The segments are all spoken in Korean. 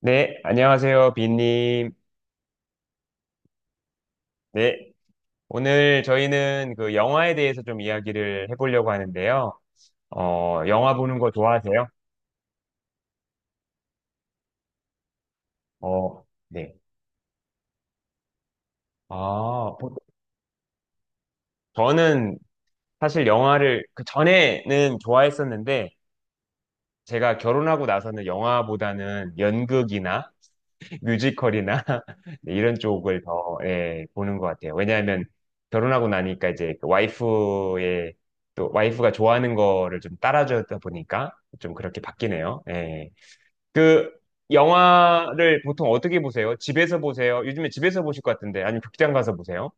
네, 안녕하세요, 빈님. 네, 오늘 저희는 그 영화에 대해서 좀 이야기를 해보려고 하는데요. 영화 보는 거 좋아하세요? 어, 네. 아, 보- 저는 사실 영화를 그 전에는 좋아했었는데, 제가 결혼하고 나서는 영화보다는 연극이나 뮤지컬이나 네, 이런 쪽을 더 예, 보는 것 같아요. 왜냐하면 결혼하고 나니까 이제 그 와이프의 또 와이프가 좋아하는 거를 좀 따라주다 보니까 좀 그렇게 바뀌네요. 예. 그 영화를 보통 어떻게 보세요? 집에서 보세요? 요즘에 집에서 보실 것 같은데 아니면 극장 가서 보세요?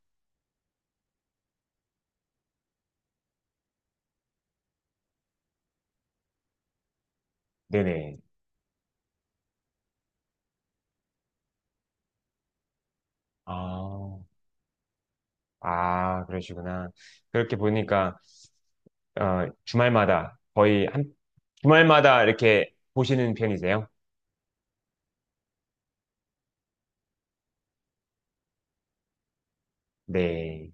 네네. 아, 아, 그러시구나. 그렇게 보니까 주말마다 거의 한 주말마다 이렇게 보시는 편이세요? 네.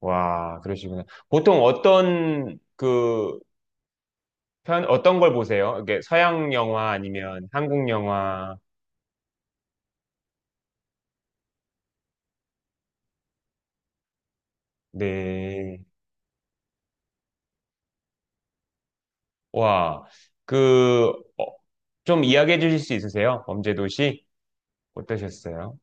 와, 그러시구나. 보통 어떤 걸 보세요? 이게 서양 영화 아니면 한국 영화? 네. 와, 그, 어, 좀 이야기해 주실 수 있으세요? 범죄도시? 어떠셨어요?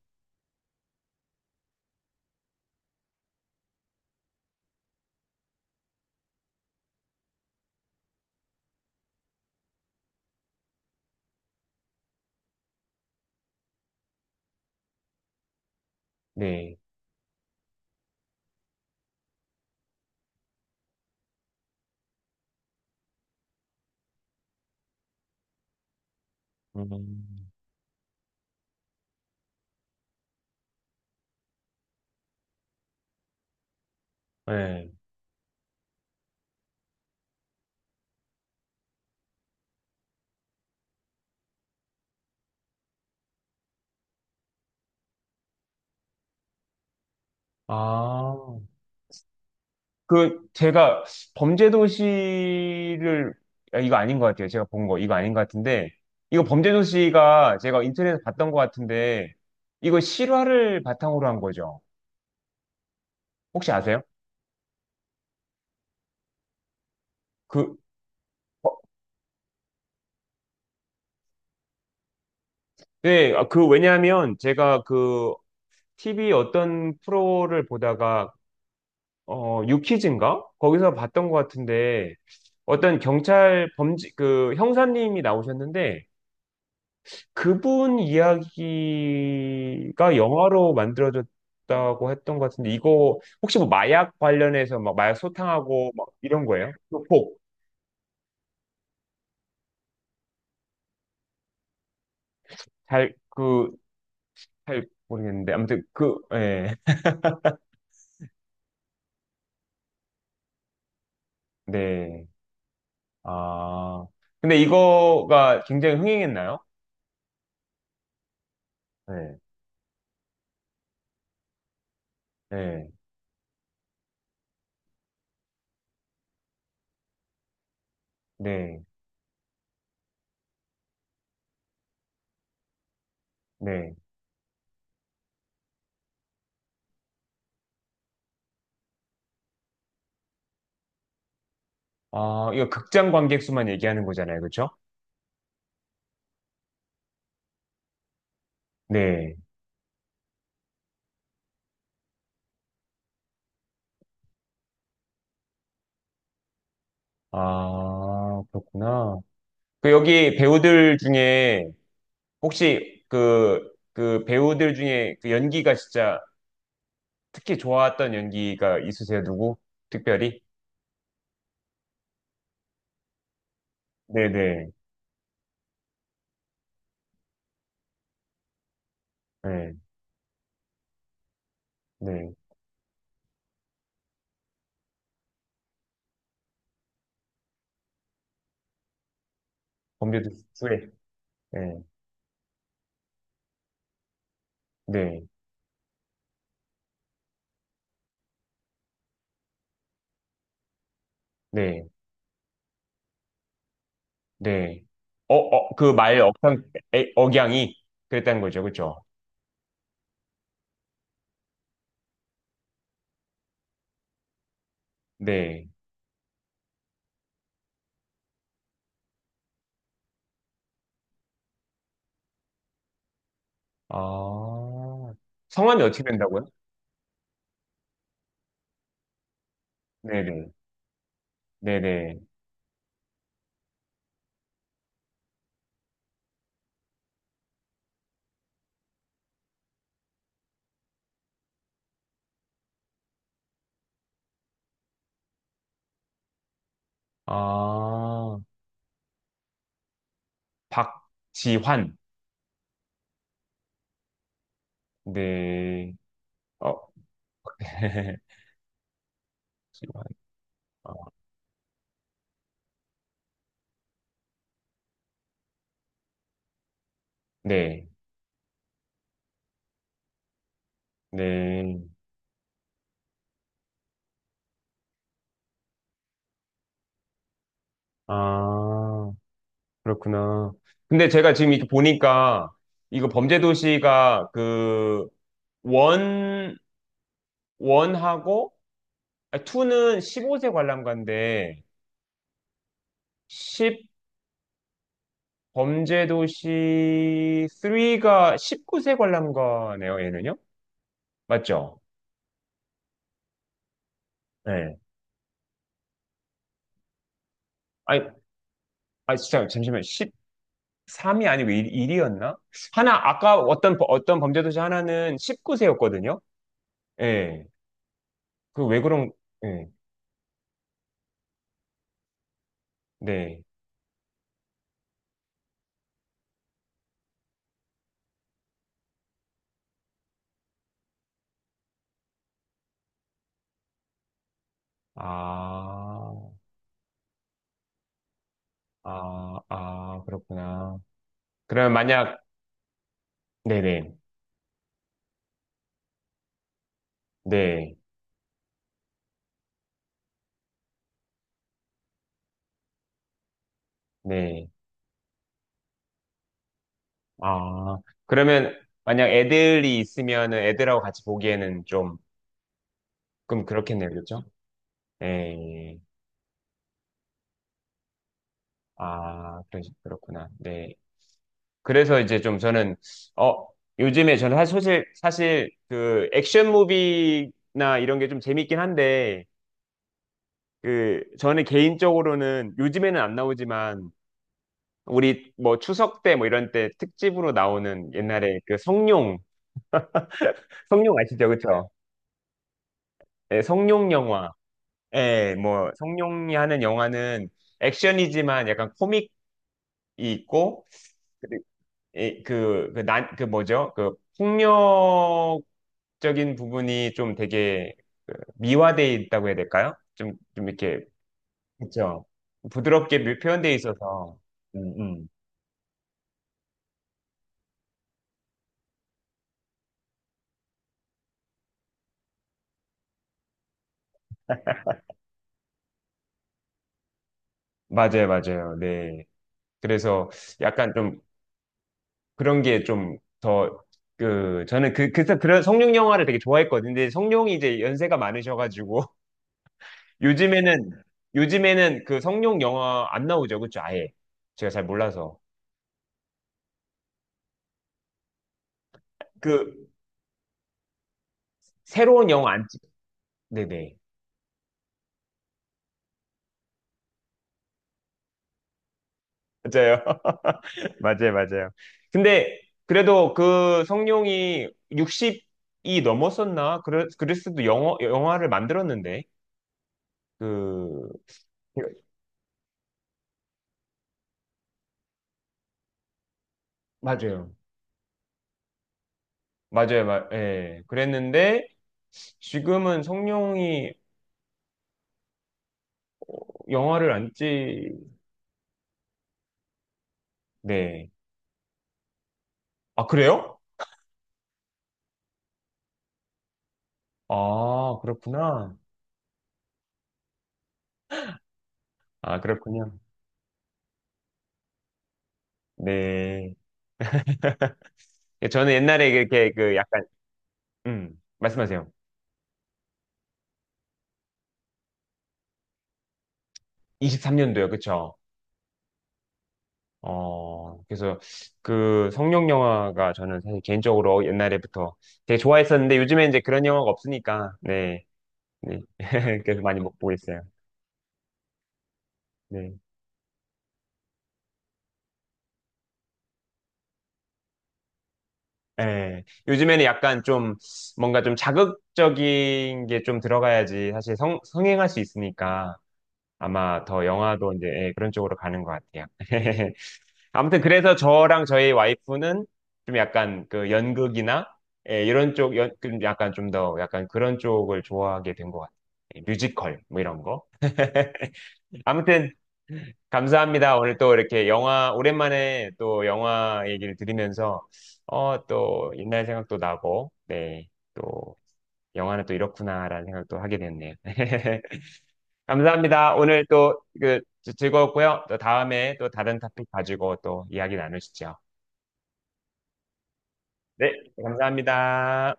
네. 음, 네. 아. 그 제가 범죄도시를 아, 이거 아닌 것 같아요. 제가 본 거 이거 아닌 것 같은데 이거 범죄도시가 제가 인터넷에서 봤던 것 같은데 이거 실화를 바탕으로 한 거죠. 혹시 아세요? 그 어, 네, 아, 왜냐하면 제가 TV 어떤 프로를 보다가 유퀴즈인가 거기서 봤던 것 같은데 어떤 경찰 범죄 그 형사님이 나오셨는데 그분 이야기가 영화로 만들어졌다고 했던 것 같은데, 이거 혹시 뭐 마약 관련해서 막 마약 소탕하고 막 이런 거예요? 잘, 그, 잘 모르겠는데. 아무튼 그, 예. 네. 아. 근데 이거가 굉장히 흥행했나요? 네. 네. 네. 네. 아, 이거 극장 관객 수만 얘기하는 거잖아요. 그렇죠? 네. 아, 그렇구나. 그 여기 배우들 중에 혹시 그 배우들 중에 그 연기가 진짜 특히 좋았던 연기가 있으세요? 누구? 특별히? 네네. 네. 네. 네. 범죄도 수혜. 네. 네. 네. 네. 어, 어, 그 말 억양, 억양이 그랬다는 거죠. 그쵸? 네. 아. 성함이 어떻게 된다고요? 네네. 네네. 아. 박지환. 네. 어. 지환. 어, 네. 네. 아, 그렇구나. 근데 제가 지금 이렇게 보니까 이거 범죄도시가 원, 원하고 아, 투는 15세 관람가인데 10 범죄도시 3가 19세 관람가네요, 얘는요? 맞죠? 네. 아니, 아 진짜 잠시만. 13이 아니고 1, 이었나 하나 아까 어떤 범죄도시 하나는 19세였거든요. 예. 그 왜 그런 예. 네. 아, 아, 그렇구나. 그러면 만약, 네네, 네, 네. 아, 그러면 만약 애들이 있으면은 애들하고 같이 보기에는 좀, 그럼 그렇겠네요, 그렇죠? 네. 아, 그렇구나. 네. 그래서 이제 좀 저는, 어, 요즘에 저는 사실 그 액션 무비나 이런 게 좀 재밌긴 한데, 그, 저는 개인적으로는 요즘에는 안 나오지만, 우리 뭐 추석 때 뭐 이런 때 특집으로 나오는 옛날에 그 성룡, 성룡 아시죠? 그쵸? 예, 성룡 영화. 예, 뭐 성룡이 하는 영화는 액션이지만 약간 코믹이 있고 그리 예, 그, 그, 난, 그 뭐죠? 그 폭력적인 부분이 좀 되게 그 미화돼 있다고 해야 될까요? 좀, 좀 이렇게, 그쵸? 부드럽게 표현돼 있어서. 음, 음. 맞아요, 맞아요. 네. 그래서 약간 좀 그런 게 좀 더, 그, 저는 그, 그래서 그런 성룡 영화를 되게 좋아했거든요. 근데 성룡이 이제 연세가 많으셔가지고, 요즘에는, 요즘에는 그 성룡 영화 안 나오죠. 그쵸? 아예. 제가 잘 몰라서. 그, 새로운 영화 안 찍, 네네. 맞아요. 맞아요, 맞아요. 근데, 그래도 그 성룡이 60이 넘었었나? 그랬어도 영화를 만들었는데, 그, 맞아요. 예. 그랬는데, 지금은 성룡이 영화를 안 찍, 네. 아, 그래요? 아, 그렇구나. 아, 그렇군요. 네. 저는 옛날에 이렇게 그 약간, 말씀하세요. 23년도요, 그쵸? 어, 그래서 그 성룡 영화가 저는 사실 개인적으로 옛날에부터 되게 좋아했었는데 요즘에 이제 그런 영화가 없으니까, 네. 네. 그래서 많이 못 보고 있어요. 네. 예. 요즘에는 약간 좀 뭔가 좀 자극적인 게 좀 들어가야지 성행할 수 있으니까 아마 더 영화도 이제 예, 그런 쪽으로 가는 것 같아요. 아무튼 그래서 저랑 저희 와이프는 좀 약간 그 연극이나 예, 좀 약간 좀 더 약간 그런 쪽을 좋아하게 된 것 같아요. 예, 뮤지컬 뭐 이런 거. 아무튼 감사합니다. 오늘 또 이렇게 영화, 오랜만에 또 영화 얘기를 들으면서, 어, 또 옛날 생각도 나고, 네, 또 영화는 또 이렇구나라는 생각도 하게 됐네요. 감사합니다. 오늘 또 그, 즐거웠고요. 또 다음에 또 다른 토픽 가지고 또 이야기 나누시죠. 네, 감사합니다.